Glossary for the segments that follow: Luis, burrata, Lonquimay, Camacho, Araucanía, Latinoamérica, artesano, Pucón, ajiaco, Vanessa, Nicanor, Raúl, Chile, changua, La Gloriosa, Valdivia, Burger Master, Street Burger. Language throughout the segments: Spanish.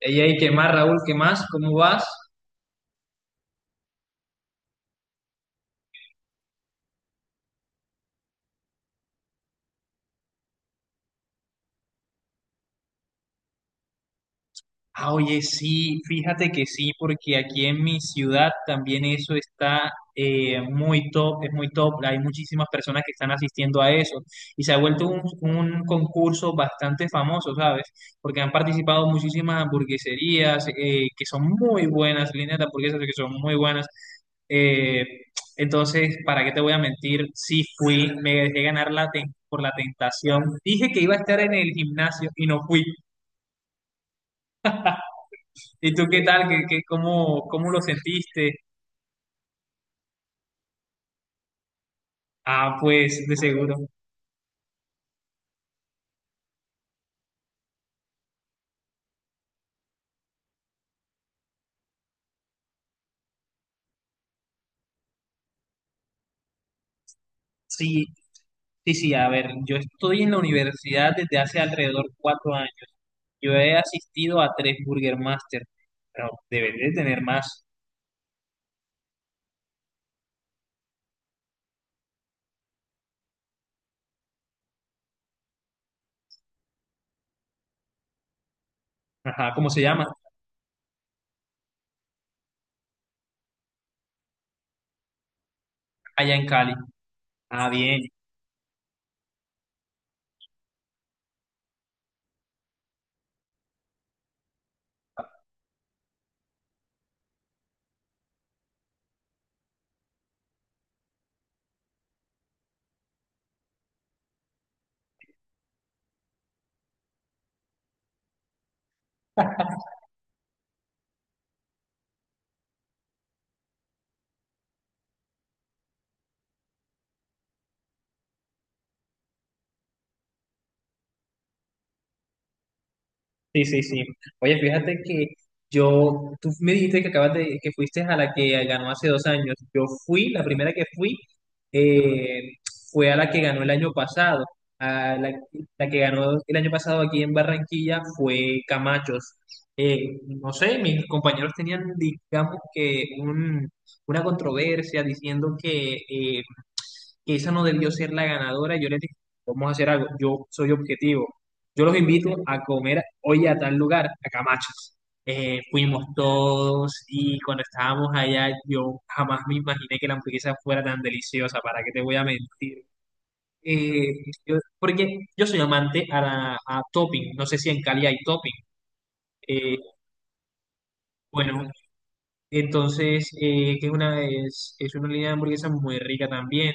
Ey, ey, ¿qué más, Raúl? ¿Qué más? ¿Cómo vas? Ah, oye, sí, fíjate que sí, porque aquí en mi ciudad también eso está muy top, es muy top. Hay muchísimas personas que están asistiendo a eso y se ha vuelto un concurso bastante famoso, ¿sabes? Porque han participado muchísimas hamburgueserías que son muy buenas, líneas de hamburguesas que son muy buenas. Eh, entonces, ¿para qué te voy a mentir? Sí fui, me dejé ganar por la tentación. Dije que iba a estar en el gimnasio y no fui. ¿Y tú qué tal? ¿Cómo lo sentiste? Ah, pues de seguro. Sí, sí, sí, a ver, yo estoy en la universidad desde hace alrededor 4 años. Yo he asistido a tres Burger Master, pero debes de tener más. Ajá, ¿cómo se llama? Allá en Cali. Ah, bien. Sí, sí, sí. Oye, fíjate que tú me dijiste que acabas de, que fuiste a la que ganó hace 2 años. Yo fui, la primera que fui, eh, fue a la que ganó el año pasado. A la, la que ganó el año pasado aquí en Barranquilla fue Camachos. Eh, no sé, mis compañeros tenían, digamos que una controversia diciendo que esa no debió ser la ganadora. Yo les dije, vamos a hacer algo, yo soy objetivo. Yo los invito a comer hoy a tal lugar, a Camachos. Fuimos todos y cuando estábamos allá yo jamás me imaginé que la hamburguesa fuera tan deliciosa, ¿para qué te voy a mentir? Eh, porque yo soy amante a topping, no sé si en Cali hay topping. Eh, bueno, entonces, que es una línea de hamburguesa muy rica también.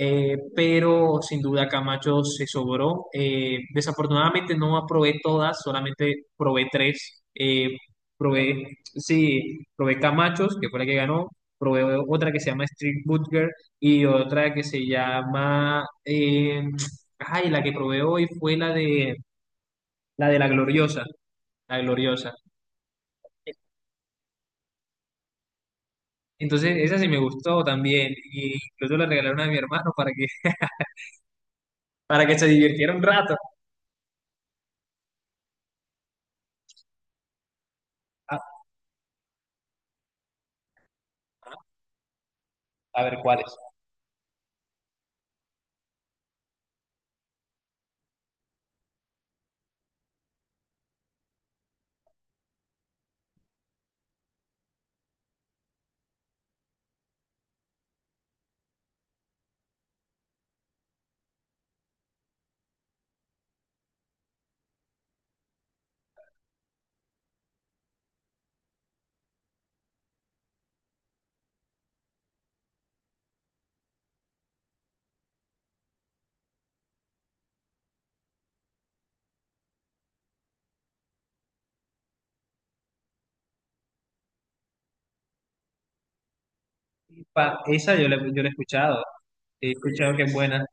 Pero sin duda Camacho se sobró. Desafortunadamente no probé todas, solamente probé tres. Sí, probé Camachos, que fue la que ganó. Probé otra que se llama Street Burger y otra que se llama... la que probé hoy fue la de la Gloriosa. La Gloriosa. Entonces, esa sí me gustó también. Y incluso la regalaron a mi hermano para que, para que se divirtiera un rato. A, a ver cuáles. Esa yo yo la he escuchado. He escuchado que es buena.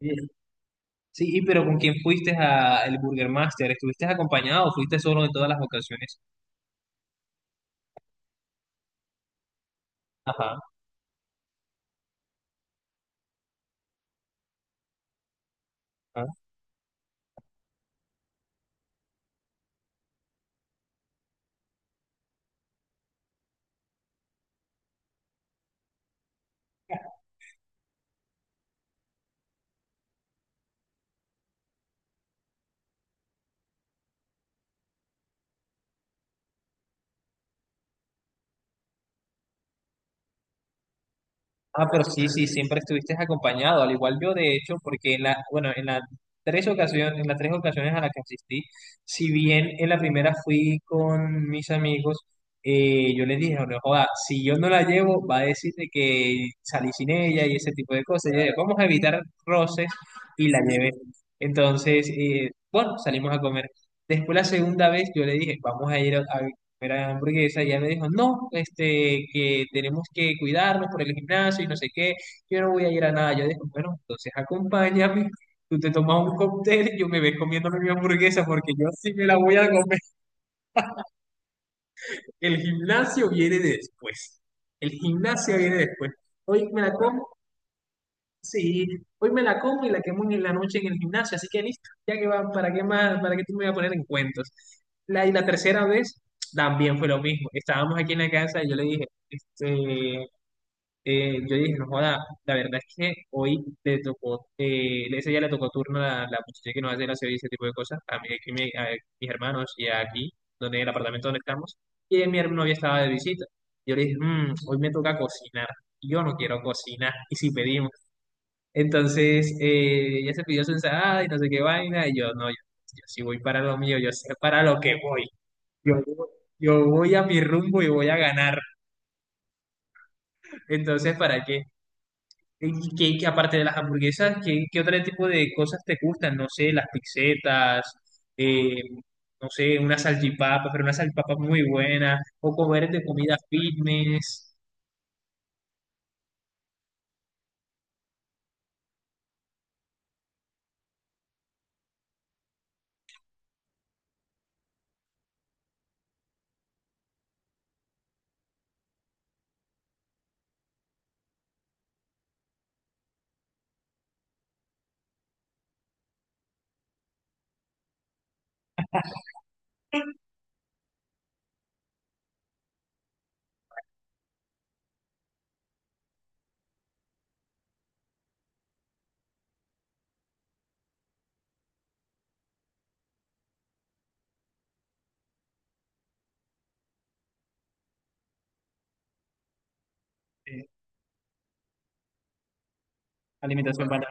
Sí, sí, y pero ¿con quién fuiste a el Burger Master? ¿Estuviste acompañado o fuiste solo en todas las ocasiones? Ajá. Ah, pero sí, sí, siempre estuviste acompañado, al igual yo de hecho, porque bueno, en las tres ocasiones a las que asistí, si bien en la primera fui con mis amigos, yo les dije, no no joda, si yo no la llevo, va a decir de que salí sin ella y ese tipo de cosas. Y yo, vamos a evitar roces y la llevé. Entonces, bueno, salimos a comer. Después la segunda vez yo le dije, vamos a ir a era hamburguesa, y ella me dijo, no, que tenemos que cuidarnos por el gimnasio y no sé qué, yo no voy a ir a nada. Yo dije, bueno, entonces acompáñame, tú te tomas un cóctel y yo me ves comiéndome mi hamburguesa porque yo sí me la voy a comer. El gimnasio viene después, el gimnasio viene después. Hoy me la como. Sí, hoy me la como y la quemo en la noche en el gimnasio, así que listo, ya que va, ¿para qué más? ¿Para qué tú me vas a poner en cuentos? Y la tercera vez también fue lo mismo. Estábamos aquí en la casa y yo le dije, este, yo dije, no joda, la verdad es que hoy le tocó, ese día le tocó turno a la muchacha que nos hace la serie y ese tipo de cosas, a mí, a mis hermanos y aquí, donde el apartamento donde estamos, y mi novia estaba de visita. Yo le dije, Hoy me toca cocinar, yo no quiero cocinar, y si pedimos. Entonces, ella se pidió su ensalada y no sé qué vaina, y yo, no, yo sí voy para lo mío, yo sé para lo que voy. Yo, yo voy a mi rumbo y voy a ganar. Entonces, ¿para qué? Y que aparte de las hamburguesas, ¿qué otro tipo de cosas te gustan? No sé, las pizzetas, eh, no sé, una salchipapa, pero una salchipapa muy buena, o comer de comida fitness, eh, alimentación para.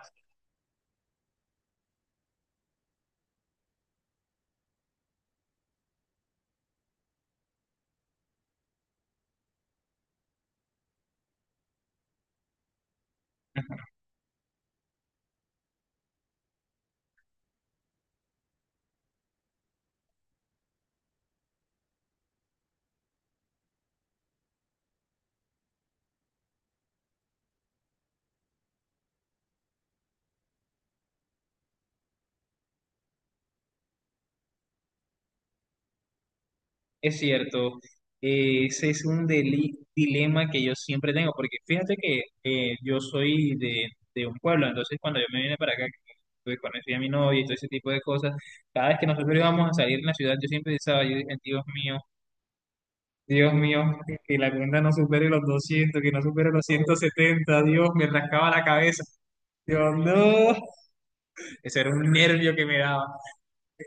Es cierto, ese es un dilema que yo siempre tengo, porque fíjate que yo soy de un pueblo, entonces cuando yo me vine para acá, pues conocí a mi novia y todo ese tipo de cosas, cada vez que nosotros íbamos a salir en la ciudad, yo siempre pensaba, yo dije, Dios mío, que la cuenta no supere los 200, que no supere los 170, Dios, me rascaba la cabeza. Dios no, ese era un nervio que me daba.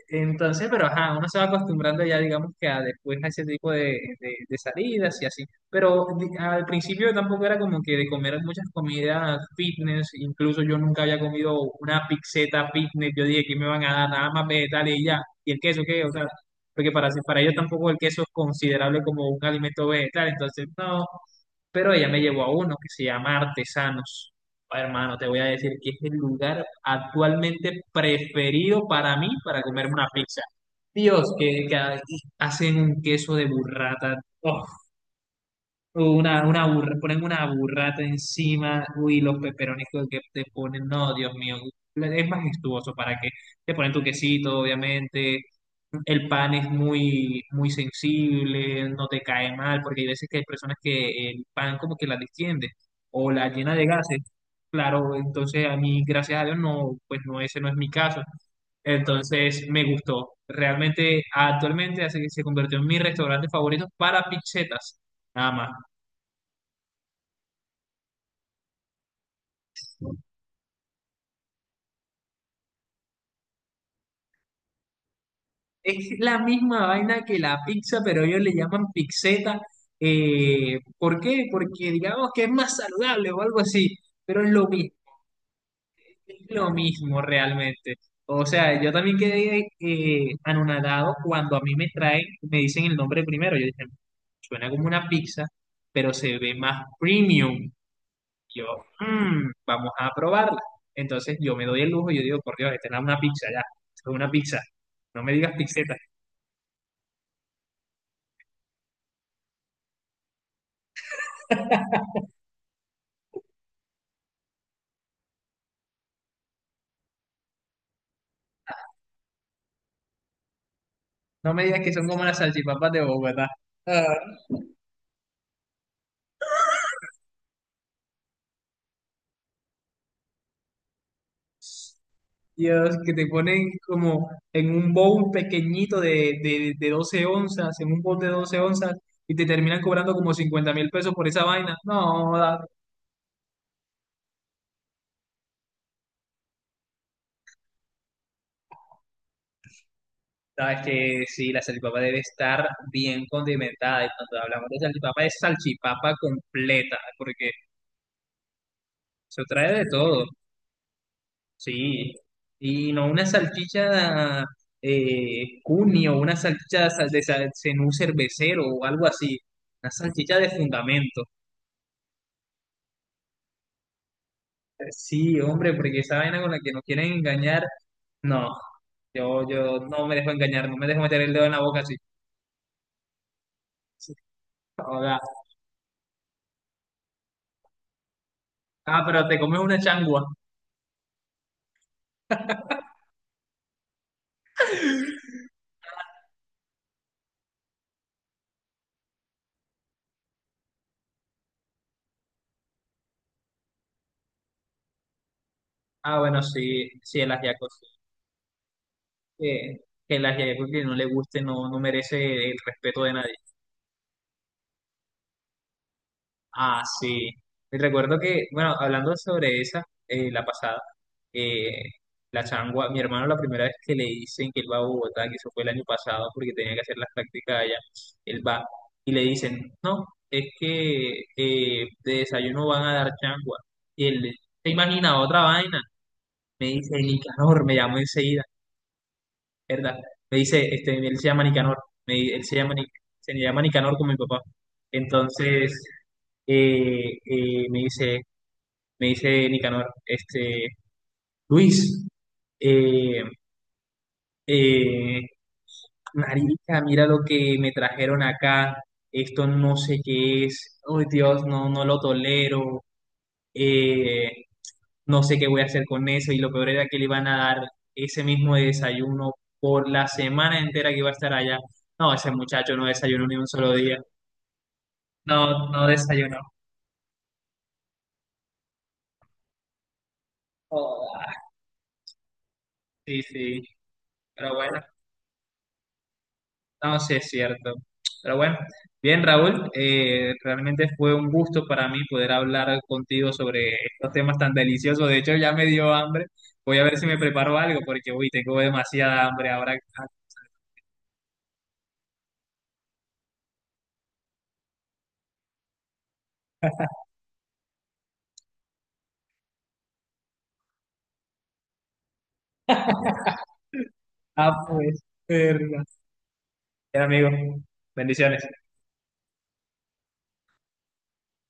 Entonces, pero ajá, uno se va acostumbrando ya, digamos que a después a ese tipo de salidas y así. Pero al principio tampoco era como que de comer muchas comidas fitness, incluso yo nunca había comido una pizzeta fitness, yo dije que me van a dar nada más vegetales y ya, y el queso qué, o sea, porque para ellos tampoco el queso es considerable como un alimento vegetal, entonces no, pero ella me llevó a uno que se llama artesanos. Hermano, te voy a decir que es el lugar actualmente preferido para mí para comerme una pizza. Dios, que hacen un queso de burrata. Oh, ponen una burrata encima. Uy, los peperones que te ponen. No, Dios mío. Es majestuoso para que te ponen tu quesito, obviamente. El pan es muy, muy sensible, no te cae mal, porque hay veces que hay personas que el pan como que la distiende o la llena de gases. Claro, entonces a mí, gracias a Dios, no, pues no, ese no es mi caso. Entonces me gustó. Realmente, actualmente hace que se convirtió en mi restaurante favorito para pizzetas, nada más. Es la misma vaina que la pizza, pero ellos le llaman pizzeta. ¿Por qué? Porque digamos que es más saludable o algo así, pero es lo mismo. Es lo mismo realmente. O sea, yo también quedé anonadado cuando a mí me traen, me dicen el nombre primero. Yo dije, suena como una pizza, pero se ve más premium. Yo, "Mm, vamos a probarla. Entonces yo me doy el lujo y yo digo, por Dios, esta es una pizza ya, esto es una pizza. No me digas pizzetas, no me digas que son como las salchipapas de Bogotá. Ah, Dios, que te ponen como en un bowl pequeñito de 12 onzas, en un bowl de 12 onzas, y te terminan cobrando como 50.000 pesos por esa vaina. No, sabes que sí, la salchipapa debe estar bien condimentada. Y cuando hablamos de salchipapa, es salchipapa completa, porque se trae de todo, sí. Y no una salchicha cuni o una salchicha de cenú cervecero o algo así. Una salchicha de fundamento. Sí, hombre, porque esa vaina con la que nos quieren engañar, no, yo, no me dejo engañar, no me dejo meter el dedo en la boca así. Sí. Joda. Ah, pero te comes una changua. Ah, bueno, sí, sí, el ajiaco, sí. Eh, que el ajiaco que no le guste no, no merece el respeto de nadie. Ah, sí. Y recuerdo que, bueno, hablando sobre esa, la pasada, eh, la changua, mi hermano la primera vez que le dicen que él va a Bogotá, que eso fue el año pasado porque tenía que hacer las prácticas allá, él va y le dicen, no, es que de desayuno van a dar changua. Y él se imagina otra vaina. Me dice, Nicanor, me llamó enseguida, ¿verdad? Me dice, este, él se llama Nicanor, me, di- él se llama, Nic- se llama Nicanor con mi papá. Entonces, eh, eh, me dice, me dice Nicanor, Luis, eh, eh, marica, mira lo que me trajeron acá, esto no sé qué es, oh Dios, no, no lo tolero, eh, no sé qué voy a hacer con eso, y lo peor era que le iban a dar ese mismo desayuno por la semana entera que iba a estar allá. No, ese muchacho no desayunó ni un solo día, no, no desayunó. Joda. Sí, sí, pero bueno. No, sí es cierto. Pero bueno, bien, Raúl, realmente fue un gusto para mí poder hablar contigo sobre estos temas tan deliciosos. De hecho, ya me dio hambre. Voy a ver si me preparo algo porque, uy, tengo demasiada hambre ahora. Ah, pues, verga. Bien, amigo, bendiciones.